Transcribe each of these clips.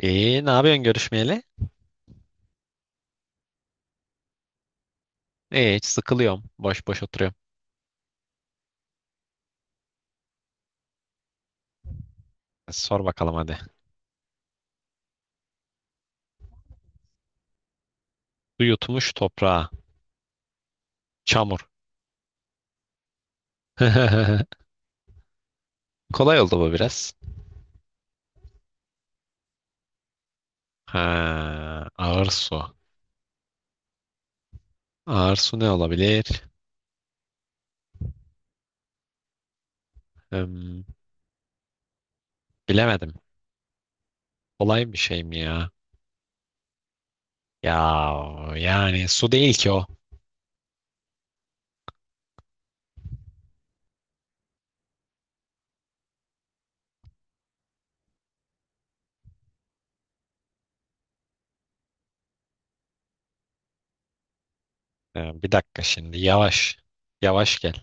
İyi, ne yapıyorsun görüşmeyeli? İyi, hiç sıkılıyorum. Boş boş oturuyorum. Sor bakalım hadi. Su yutmuş toprağa. Çamur. Kolay oldu bu biraz. Ha, ağır su. Ağır su ne olabilir? Hmm, bilemedim. Kolay bir şey mi ya? Ya yani su değil ki o. Bir dakika şimdi. Yavaş. Yavaş gel.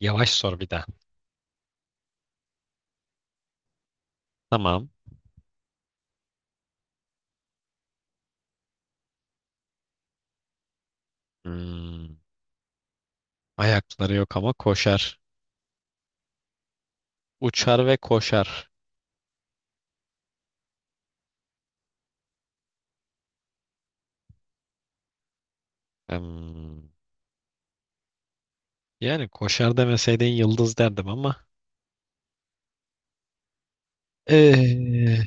Yavaş sor bir daha. Tamam. Hmm, Ayakları yok ama koşar. Uçar ve koşar. Hmm, Yani koşar demeseydin yıldız derdim ama eee,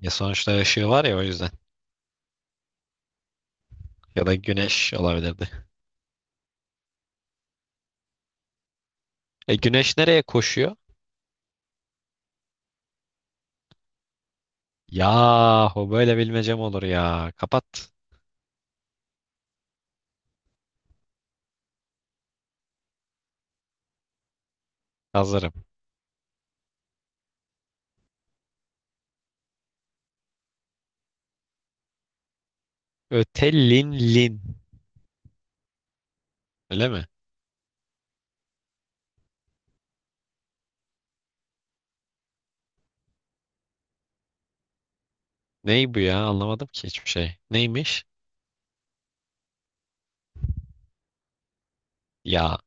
ya sonuçta ışığı var ya o yüzden. Ya da güneş olabilirdi. E güneş nereye koşuyor? Yahu böyle bilmecem olur ya. Kapat. Hazırım. Ötelinlin. Öyle mi? Ney bu ya? Anlamadım ki hiçbir şey. Neymiş? Ya.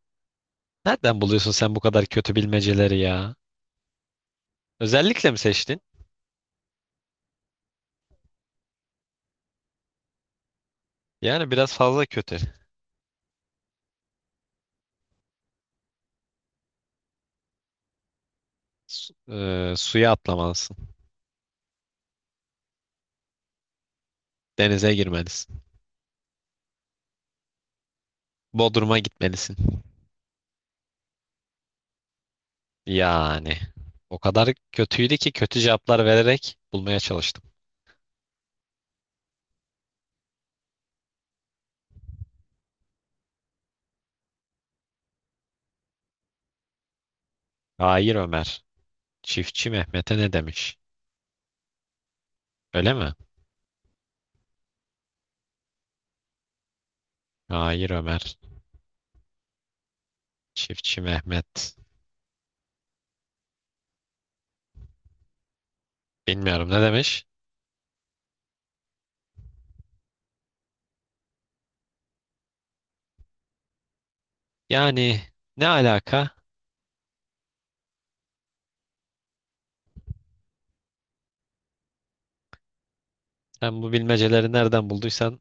Nereden buluyorsun sen bu kadar kötü bilmeceleri ya? Özellikle mi seçtin? Yani biraz fazla kötü. Suya atlamalısın. Denize girmelisin. Bodrum'a gitmelisin. Yani o kadar kötüydü ki kötü cevaplar vererek bulmaya çalıştım. Hayır Ömer. Çiftçi Mehmet'e ne demiş? Öyle mi? Hayır Ömer. Çiftçi Mehmet. Bilmiyorum ne demiş? Yani ne alaka? Sen bu bilmeceleri nereden bulduysan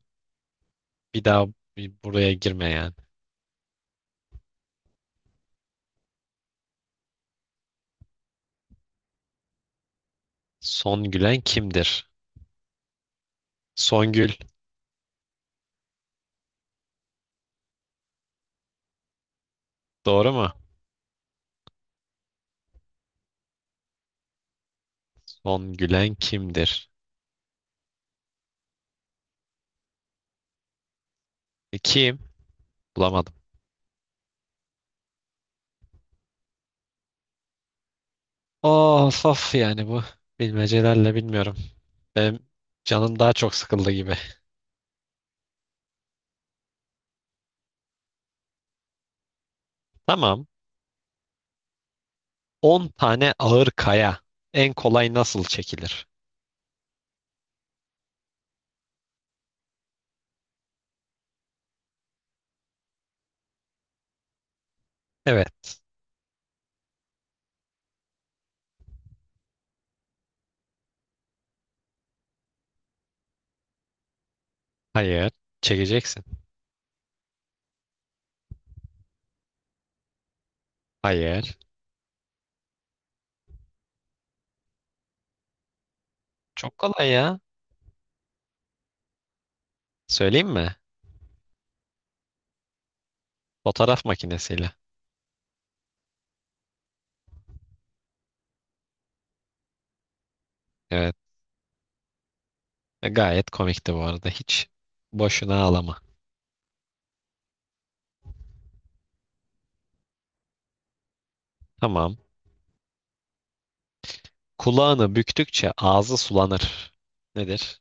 bir daha bir buraya girme yani. Son gülen kimdir? Songül. Doğru mu? Son gülen kimdir? E, kim? Bulamadım. Of of yani bu bilmecelerle bilmiyorum. Benim canım daha çok sıkıldı gibi. Tamam. 10 tane ağır kaya. En kolay nasıl çekilir? Evet. Hayır. Çekeceksin. Hayır. Çok kolay ya. Söyleyeyim mi? Fotoğraf makinesiyle. Evet. E, gayet komikti bu arada. Hiç boşuna ağlama. Tamam. Kulağını büktükçe ağzı sulanır. Nedir?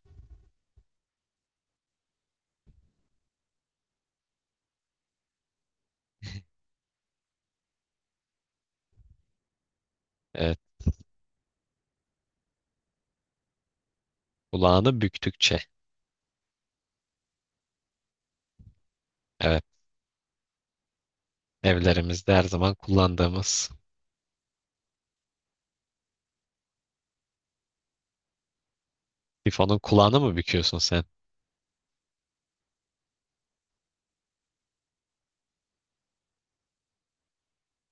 Evet. Kulağını büktükçe. Evet. Evlerimizde her zaman kullandığımız. Sifonun kulağını mı büküyorsun sen?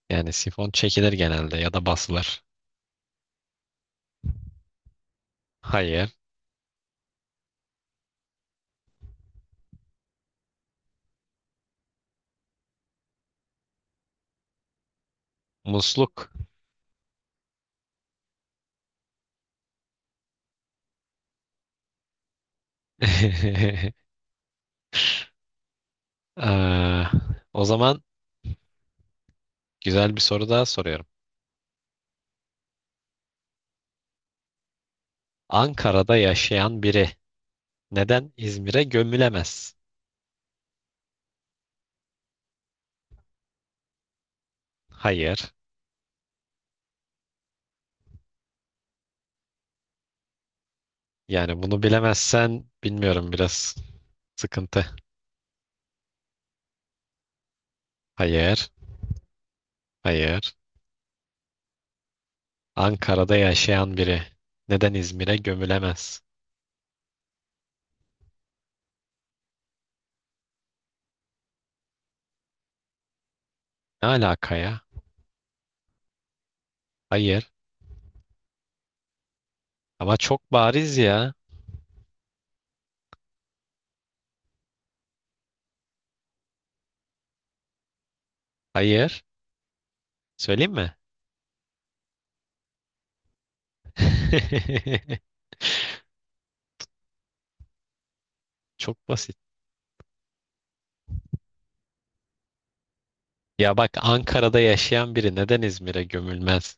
Yani sifon çekilir genelde ya da basılır. Hayır. Musluk. Eee, o zaman güzel bir soru daha soruyorum. Ankara'da yaşayan biri neden İzmir'e gömülemez? Hayır. Yani bunu bilemezsen bilmiyorum biraz sıkıntı. Hayır. Hayır. Ankara'da yaşayan biri neden İzmir'e gömülemez? Ne alaka ya? Hayır. Ama çok bariz ya. Hayır. Söyleyeyim mi? Çok basit. Ya bak Ankara'da yaşayan biri neden İzmir'e gömülmez?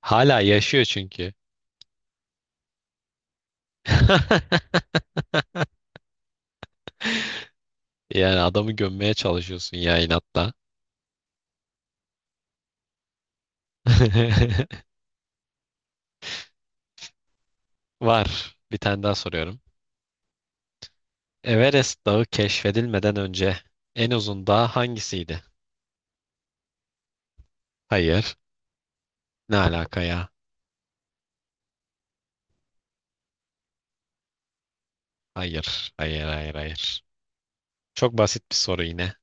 Hala yaşıyor çünkü. Yani adamı gömmeye çalışıyorsun ya inatla. Var. Bir tane daha soruyorum. Everest Dağı keşfedilmeden önce en uzun dağ hangisiydi? Hayır. Ne alaka ya? Hayır, hayır, hayır, hayır. Çok basit bir soru yine.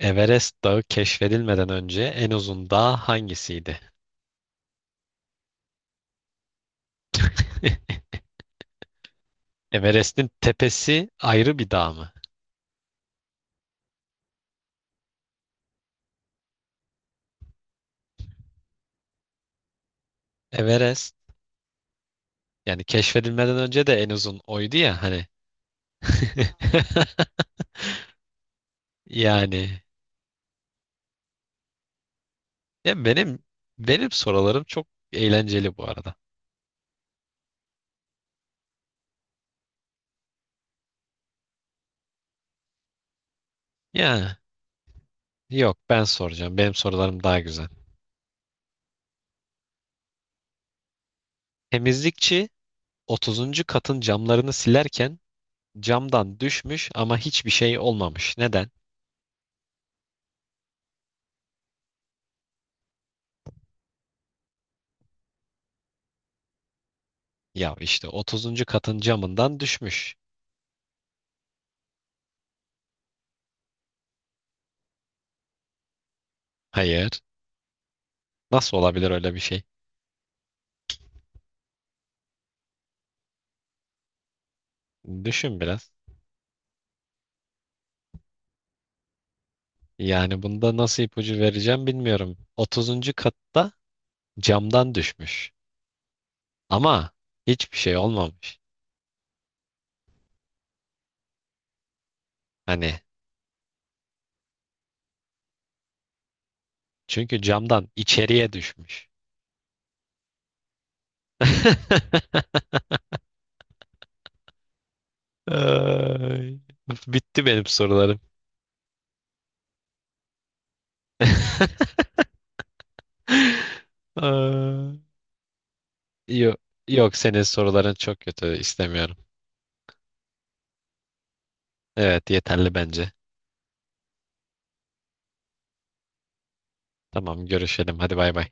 Everest Dağı keşfedilmeden önce en uzun dağ hangisiydi? Everest'in tepesi ayrı bir dağ mı? Everest. Yani keşfedilmeden önce de en uzun oydu ya hani. Yani ya benim sorularım çok eğlenceli bu arada. Ya yok ben soracağım. Benim sorularım daha güzel. Temizlikçi 30. katın camlarını silerken camdan düşmüş ama hiçbir şey olmamış. Neden? Ya işte 30. katın camından düşmüş. Hayır. Nasıl olabilir öyle bir şey? Düşün biraz. Yani bunda nasıl ipucu vereceğim bilmiyorum. 30. katta camdan düşmüş. Ama hiçbir şey olmamış. Hani çünkü camdan içeriye düşmüş. Ay, bitti benim sorularım. Ay, yok, yok senin soruların çok kötü istemiyorum. Evet yeterli bence. Tamam görüşelim hadi bay bay.